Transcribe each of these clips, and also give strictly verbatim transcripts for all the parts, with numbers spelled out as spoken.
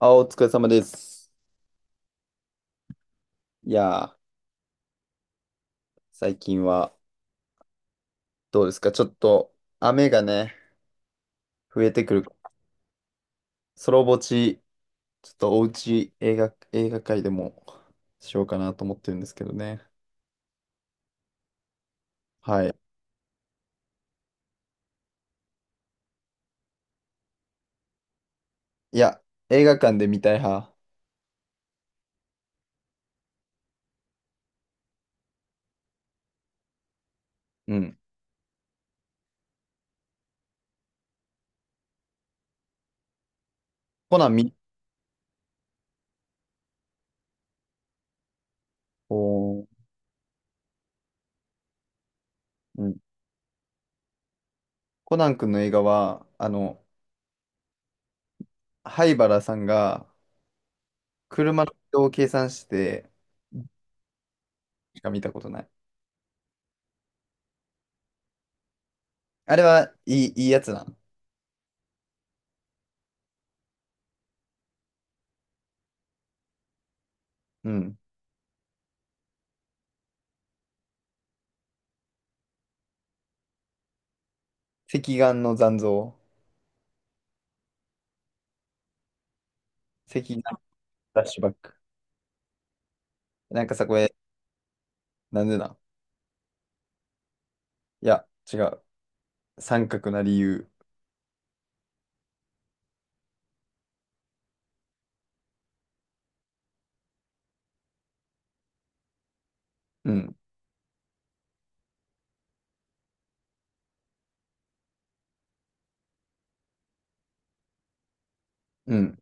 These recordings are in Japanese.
あ、お疲れ様です。いやー、最近はどうですか？ちょっと雨がね、増えてくる。ソロぼち、ちょっとおうち映画、映画界でもしようかなと思ってるんですけどね。はい。いや、映画館で見たい派。うん。コナン見、おー、うん。コナン君の映画は、あの、灰原さんが車の移動を計算して、しか見たことない。あれはいい、いいやつなん。うん。隻眼の残像。隻フラッシュバック。なんかさ、これ、なんでないや、違う。三角な理由。うん、うん、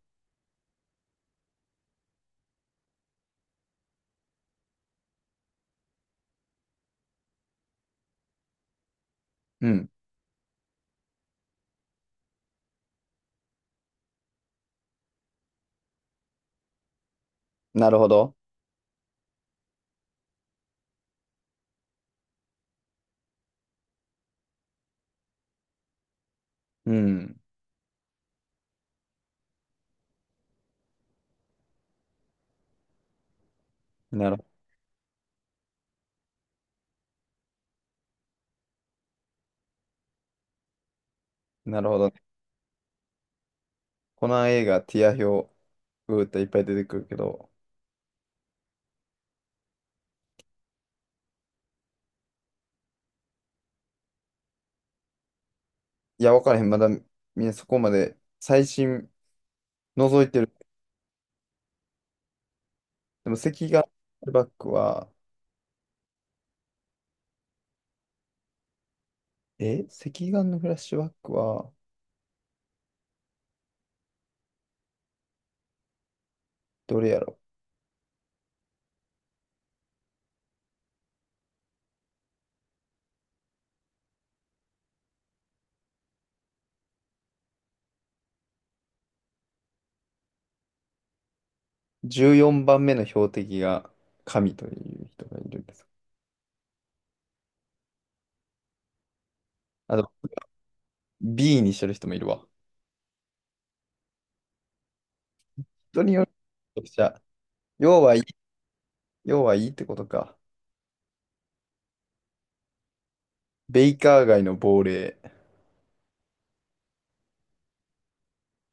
うん。なるほど。うん。なる、なるほど。この映画、ティア表、うーっていっぱい出てくるけど、いや、わからへん。まだ、みんなそこまで、最新、覗いてる。でも、赤眼のフラッシュバックは、え赤眼のフラッシュバックは、どれやろ？ じゅうよん 番目の標的が、神という人がいるんです。あと、B にしてる人もいるわ。人によるめちゃくちゃ要はいい、要はいいってことか。ベイカー街の亡霊。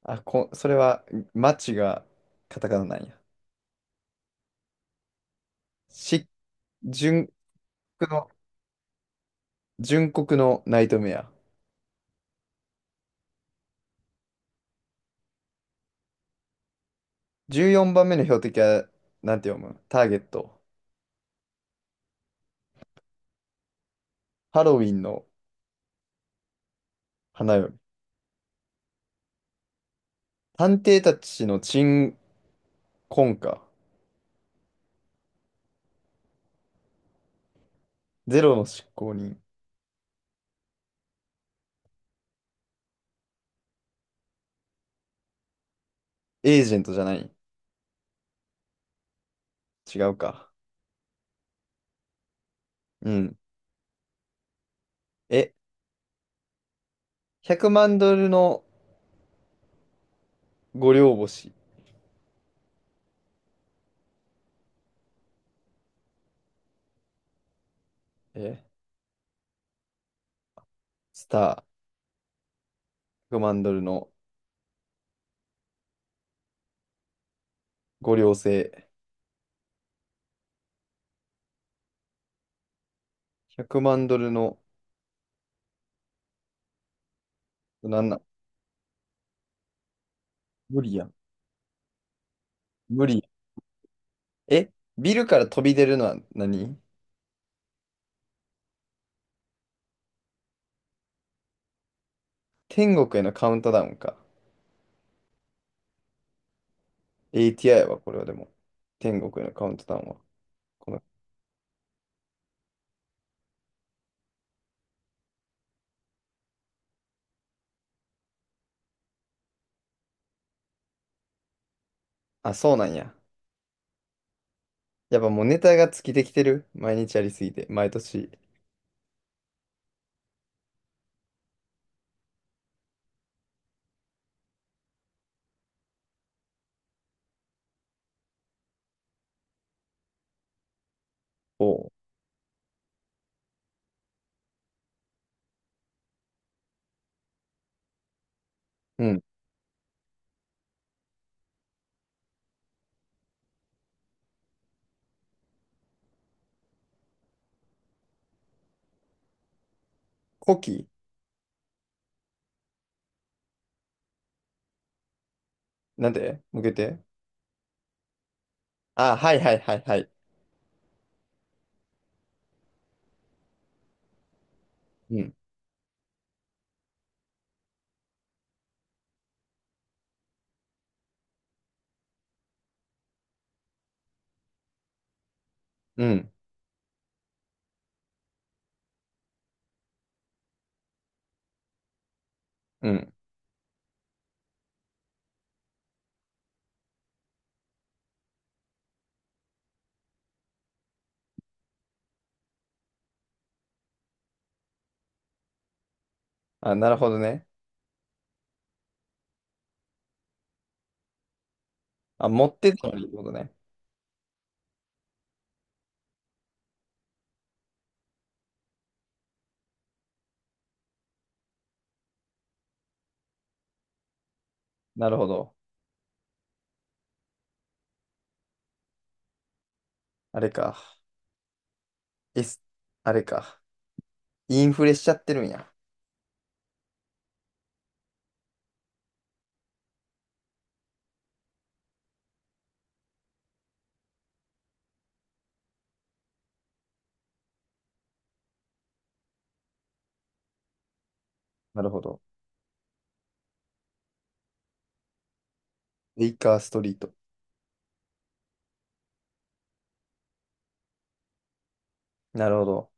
あ、こ、それは、マチがカタカナなんや。し、純国の、純国のナイトメア。じゅうよんばんめの標的は、なんて読むターゲット。ハロウィンの花嫁。探偵たちの鎮魂歌。ゼロの執行人。エージェントじゃない。違うか。うん。え、ひゃくまんドルのご両星。え、スター。ひゃくまんドルのご両星。ひゃくまんドルの、なんなん無理やん。無理やん。えビルから飛び出るのは何？天国へのカウントダウンか。エーティーアイ はこれはでも。天国へのカウントダウンは。この、あ、そうなんや。やっぱもうネタが尽きてきてる。毎日やりすぎて。毎年。おう。うん。古希なんで向けて。あ、はいはいはいはい。うん。うん。うん。あ、なるほどね。あ、持ってたのにってことね。なるほど。あれか。S、あれか。インフレしちゃってるんや。なるほど。ベイカーストリート。なるほど。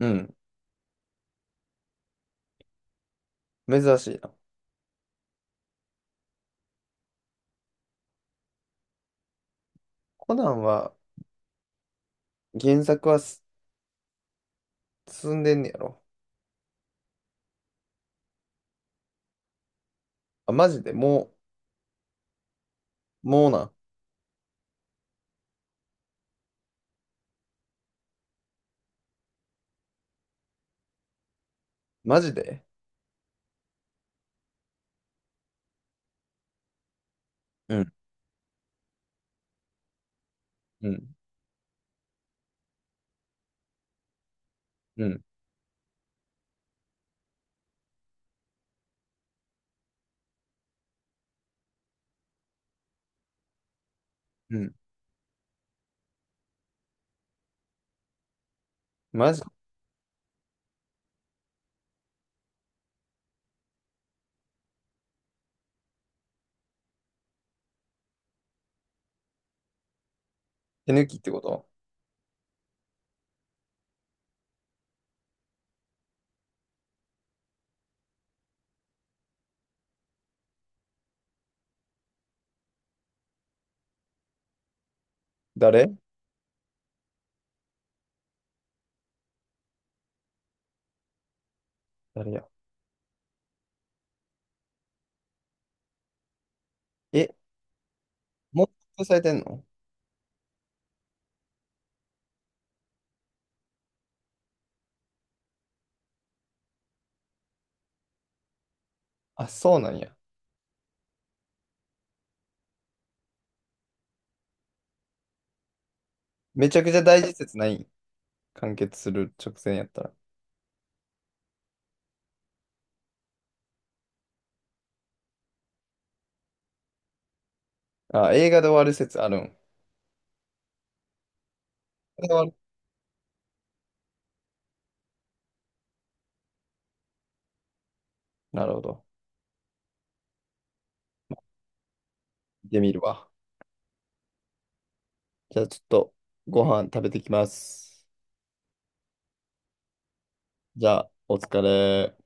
うん。珍しいな。コナンは、原作はす進んでんねやろ。あ、マジでもう、もうなん。マジでうん、うん、うん、うん。マジ手抜きってこと？誰？誰や？え、もう発表されてんの？あ、そうなんや。めちゃくちゃ大事説ない？完結する直前やったら。あ、映画で終わる説あるん？映画で終わるなるほど。見てみるわ。じゃあちょっと、ご飯食べてきます。じゃあ、お疲れ。